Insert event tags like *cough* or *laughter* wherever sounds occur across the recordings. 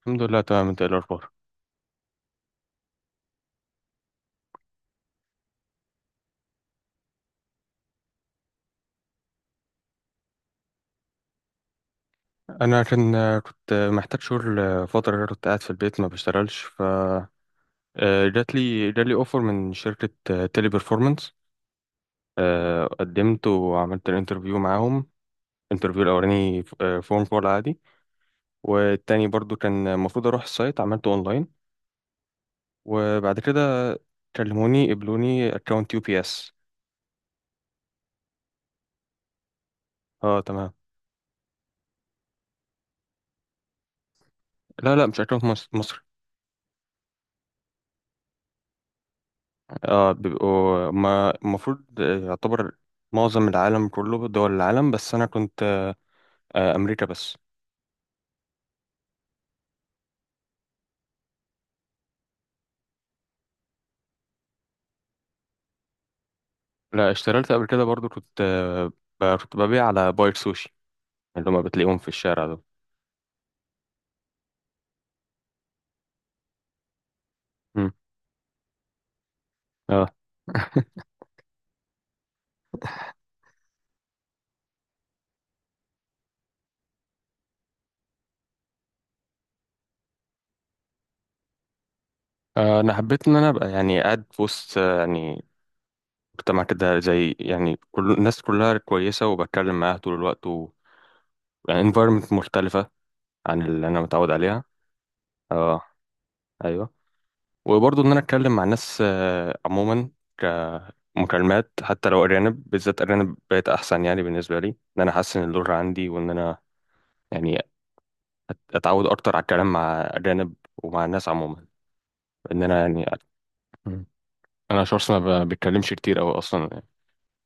الحمد لله، تمام. انت ايه الاخبار؟ انا كنت محتاج شغل فتره كده، كنت قاعد في البيت ما بشتغلش. ف آه، جات لي اوفر من شركه تيلي بيرفورمانس. قدمت وعملت الانترفيو معاهم. الانترفيو الاولاني فون كول عادي، والتاني برضو كان المفروض اروح السايت، عملته اونلاين. وبعد كده كلموني، قبلوني اكونت يو بي اس. اه، تمام. لا لا، مش اكونت مصر. اه، بيبقوا، ما المفروض يعتبر معظم العالم كله، دول العالم، بس انا كنت امريكا بس. لا، اشتغلت قبل كده برضو، كنت كنت ببيع على بايت سوشي، اللي هما بتلاقيهم في الشارع دول. مم. اه. انا حبيت ان انا ابقى يعني قاعد في وسط يعني مجتمع كده، زي يعني كل الناس كلها كويسة وبتكلم معاها طول الوقت، و يعني environment مختلفة عن اللي انا متعود عليها. اه. ايوه. وبرضو ان انا اتكلم مع ناس عموما مكالمات، حتى لو أرانب. بالذات أرانب بقت أحسن يعني بالنسبة لي، إن أنا أحسن اللغة عندي، وإن أنا يعني أتعود أكتر على الكلام مع أرانب ومع الناس عموما، إن أنا يعني. مم. أنا شخص ما بتكلمش كتير أوي أصلا يعني،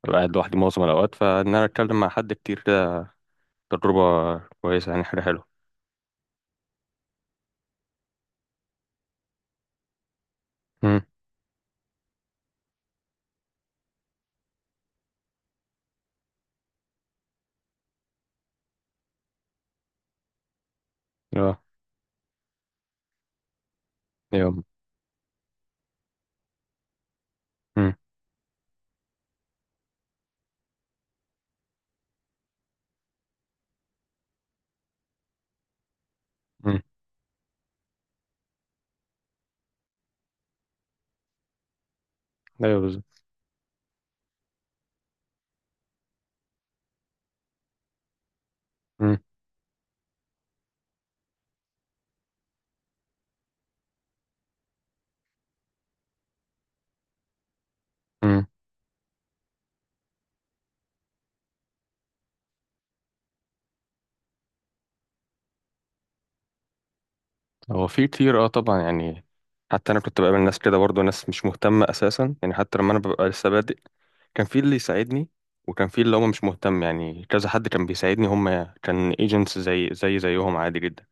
ببقى قاعد لوحدي معظم الأوقات، فإن أنا أتكلم مع حد كتير ده تجربة كويسة يعني، حاجة حلوة. مم. أيوه. أيوه. مم. مم. أيوه بالظبط. مم. مم. هو في كتير، أه طبعا يعني. حتى أنا كنت بقابل ناس كده برضه، ناس مش مهتمة أساسا يعني. حتى لما أنا ببقى لسه بادئ، كان في اللي يساعدني وكان في اللي هو مش مهتم يعني. كذا حد كان بيساعدني، هم كان ايجنتس زي زي زيهم عادي جدا.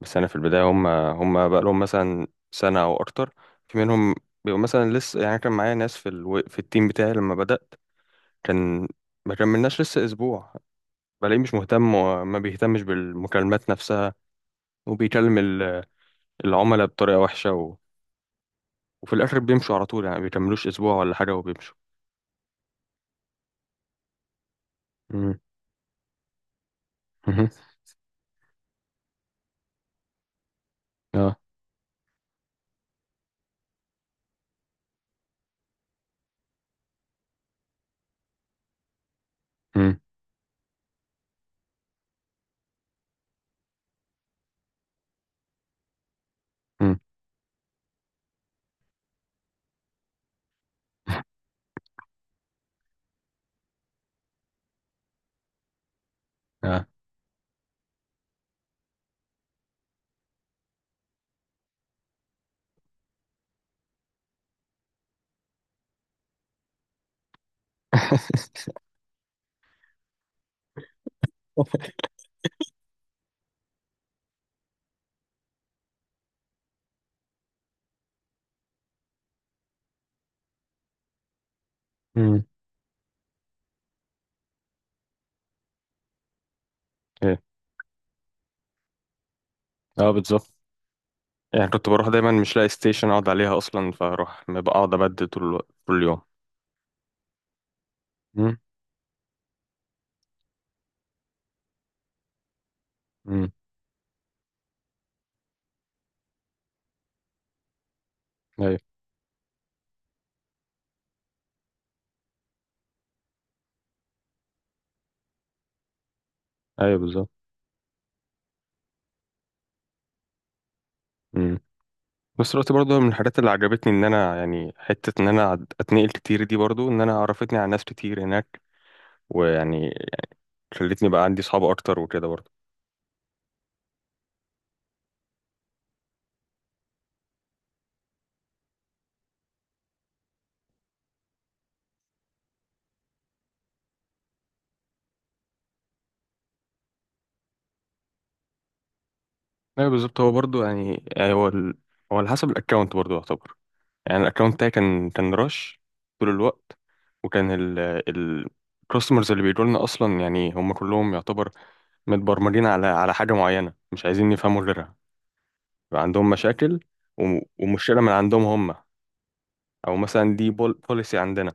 بس انا في البدايه، هم بقى لهم مثلا سنه او اكتر. في منهم بيبقوا مثلا لسه يعني. كان معايا ناس في التيم بتاعي لما بدات، كان ما كملناش لسه اسبوع، بلاقيه مش مهتم وما بيهتمش بالمكالمات نفسها. وبيكلم العملاء بطريقه وحشه، و... وفي الاخر بيمشوا على طول يعني، ما بيكملوش اسبوع ولا حاجه وبيمشوا. مم. مهم. اه. مم. مم. *laughs* اه. ايه. اه بالظبط. يعني كنت بروح دايما مش لاقي ستيشن اقعد عليها اصلا، فاروح ببقى اقعد ابدل طول الوقت طول اليوم. امم. امم. ايوه. ايوه بالظبط. امم. بس دلوقتي برضه من الحاجات اللي عجبتني ان انا يعني حته ان انا اتنقل كتير دي، برضه ان انا عرفتني على ناس كتير هناك، ويعني خلتني بقى عندي صحاب اكتر وكده برضه. ايوه بالظبط. هو برضه يعني، يعني هو، ال... هو على حسب الاكونت برضه يعتبر. يعني الاكونت بتاعي كان رش طول الوقت، وكان الكاستمرز اللي بيجوا لنا اصلا يعني، هم كلهم يعتبر متبرمجين على حاجة معينة، مش عايزين يفهموا غيرها. يبقى عندهم مشاكل، ومشكلة من عندهم هم، أو مثلا دي بول بوليسي عندنا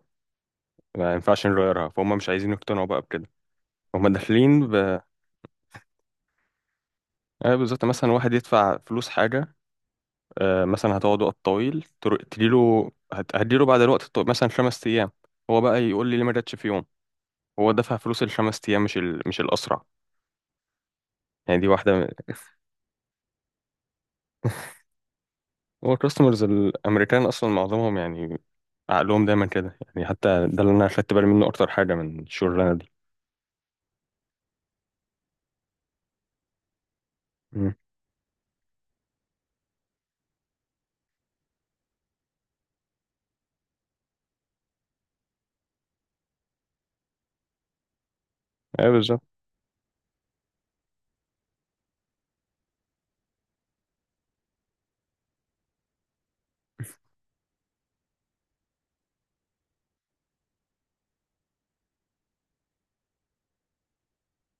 ما ينفعش نغيرها، فهم مش عايزين يقتنعوا بقى بكده، هم داخلين ب. آه بالظبط. مثلا واحد يدفع فلوس حاجة، آه مثلا هتقعد وقت طويل، هتديله بعد الوقت الطويل مثلا خمس أيام، هو بقى يقول لي ليه ما جاتش في يوم. هو دفع فلوس الخمس أيام، مش ال... مش الأسرع يعني. دي واحدة من. هو الكاستمرز الأمريكان أصلا معظمهم يعني عقلهم دايما كده يعني، حتى ده اللي انا خدت بالي منه اكتر حاجه من الشغلانه دي. امم. ايوه بالظبط.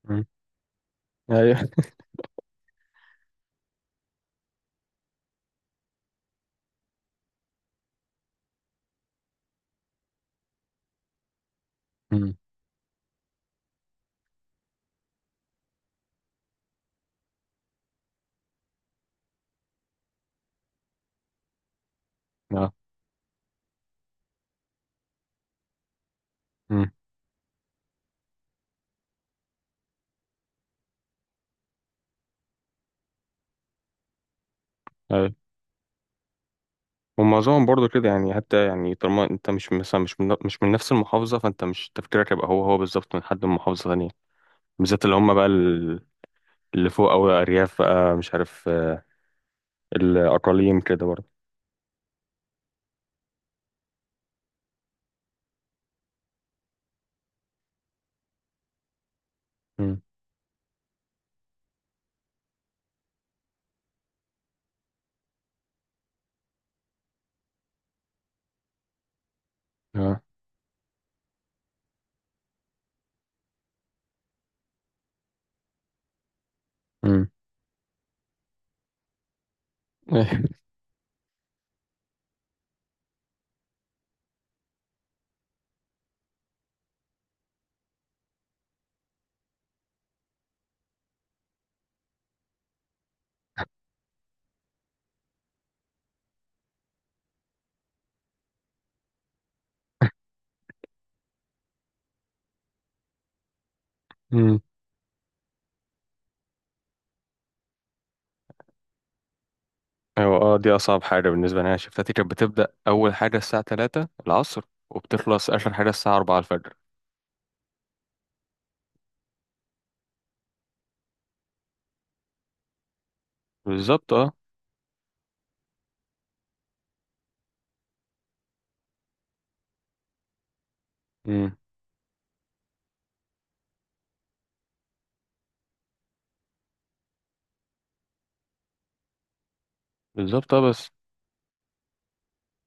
امم. ايوه. *laughs* امم. اه. امم. ايوه. ومعظمهم برضو كده يعني، حتى يعني طالما انت مش مثلا، مش من، مش من نفس المحافظه، فانت مش تفكيرك يبقى هو هو بالظبط من حد من محافظه ثانيه. بالذات اللي هم بقى، اللي فوق او الارياف بقى مش عارف، الاقاليم كده برضو. امم. اه. امم. *laughs* أيوة، اه دي أصعب حاجة بالنسبة لي. أنا شفتاتي كانت بتبدأ أول حاجة الساعة تلاتة العصر، وبتخلص آخر حاجة الساعة أربعة الفجر. بالظبط اه. مم. بالظبط اه. بس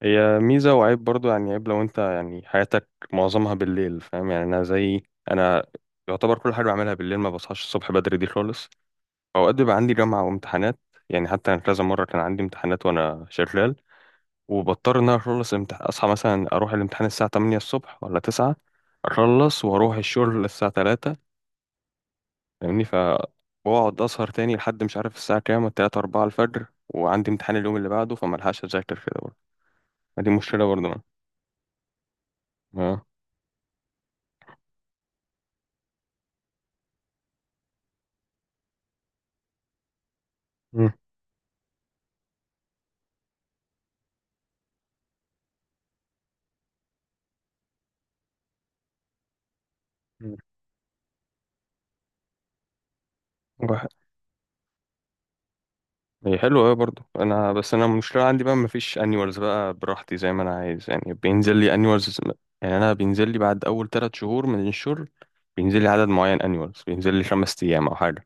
هي ميزة وعيب برضو يعني. عيب لو أنت يعني حياتك معظمها بالليل، فاهم يعني. أنا زي، أنا يعتبر كل حاجة بعملها بالليل، ما بصحاش الصبح بدري دي خالص. أوقات بيبقى عندي جامعة وامتحانات يعني، حتى أنا كذا مرة كان عندي امتحانات وأنا شغال، وبضطر إن أنا أصحى مثلا أروح الامتحان الساعة تمانية الصبح ولا تسعة، أخلص وأروح الشغل الساعة تلاتة. فاهمني. فبقعد اسهر تاني لحد مش عارف الساعه كام، 3 4 الفجر، وعندي امتحان اليوم اللي بعده، فملحقش اذاكر كده برضه. ما دي مشكله برضه أنا. اه. مم. مم. واحد، هي حلوة أوي برضه. أنا بس أنا المشكلة عندي بقى، مفيش أنيوالز بقى براحتي زي ما أنا عايز يعني. بينزل لي أنيوالز، يعني أنا بينزل لي بعد أول تلات شهور من الشغل، بينزل لي عدد معين أنيوالز، بينزل لي خمس أيام أو حاجة.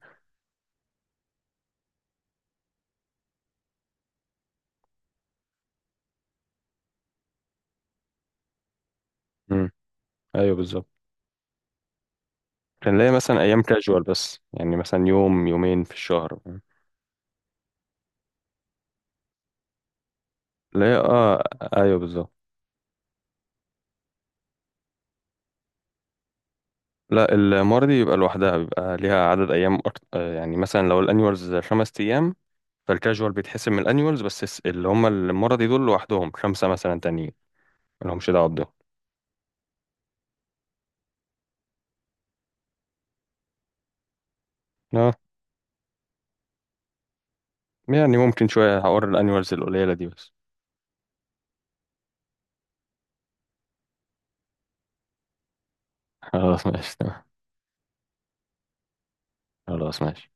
امم. أيوه بالظبط. كان ليا مثلا أيام كاجوال بس يعني، مثلا يوم يومين في الشهر. لا، اه. أيوه بالظبط. لا، المرضي بيبقى لوحدها، بيبقى ليها عدد ايام أكت... آه، يعني مثلا لو الانيوالز خمس ايام، فالكاجوال بيتحسب من الانيوالز، بس اللي هم المرضي دول لوحدهم خمسه مثلا تانيين، ملهمش دعوه بده. اه. يعني ممكن شويه هقول الانيوالز القليله دي بس. خلاص ماشي تمام. خلاص ماشي.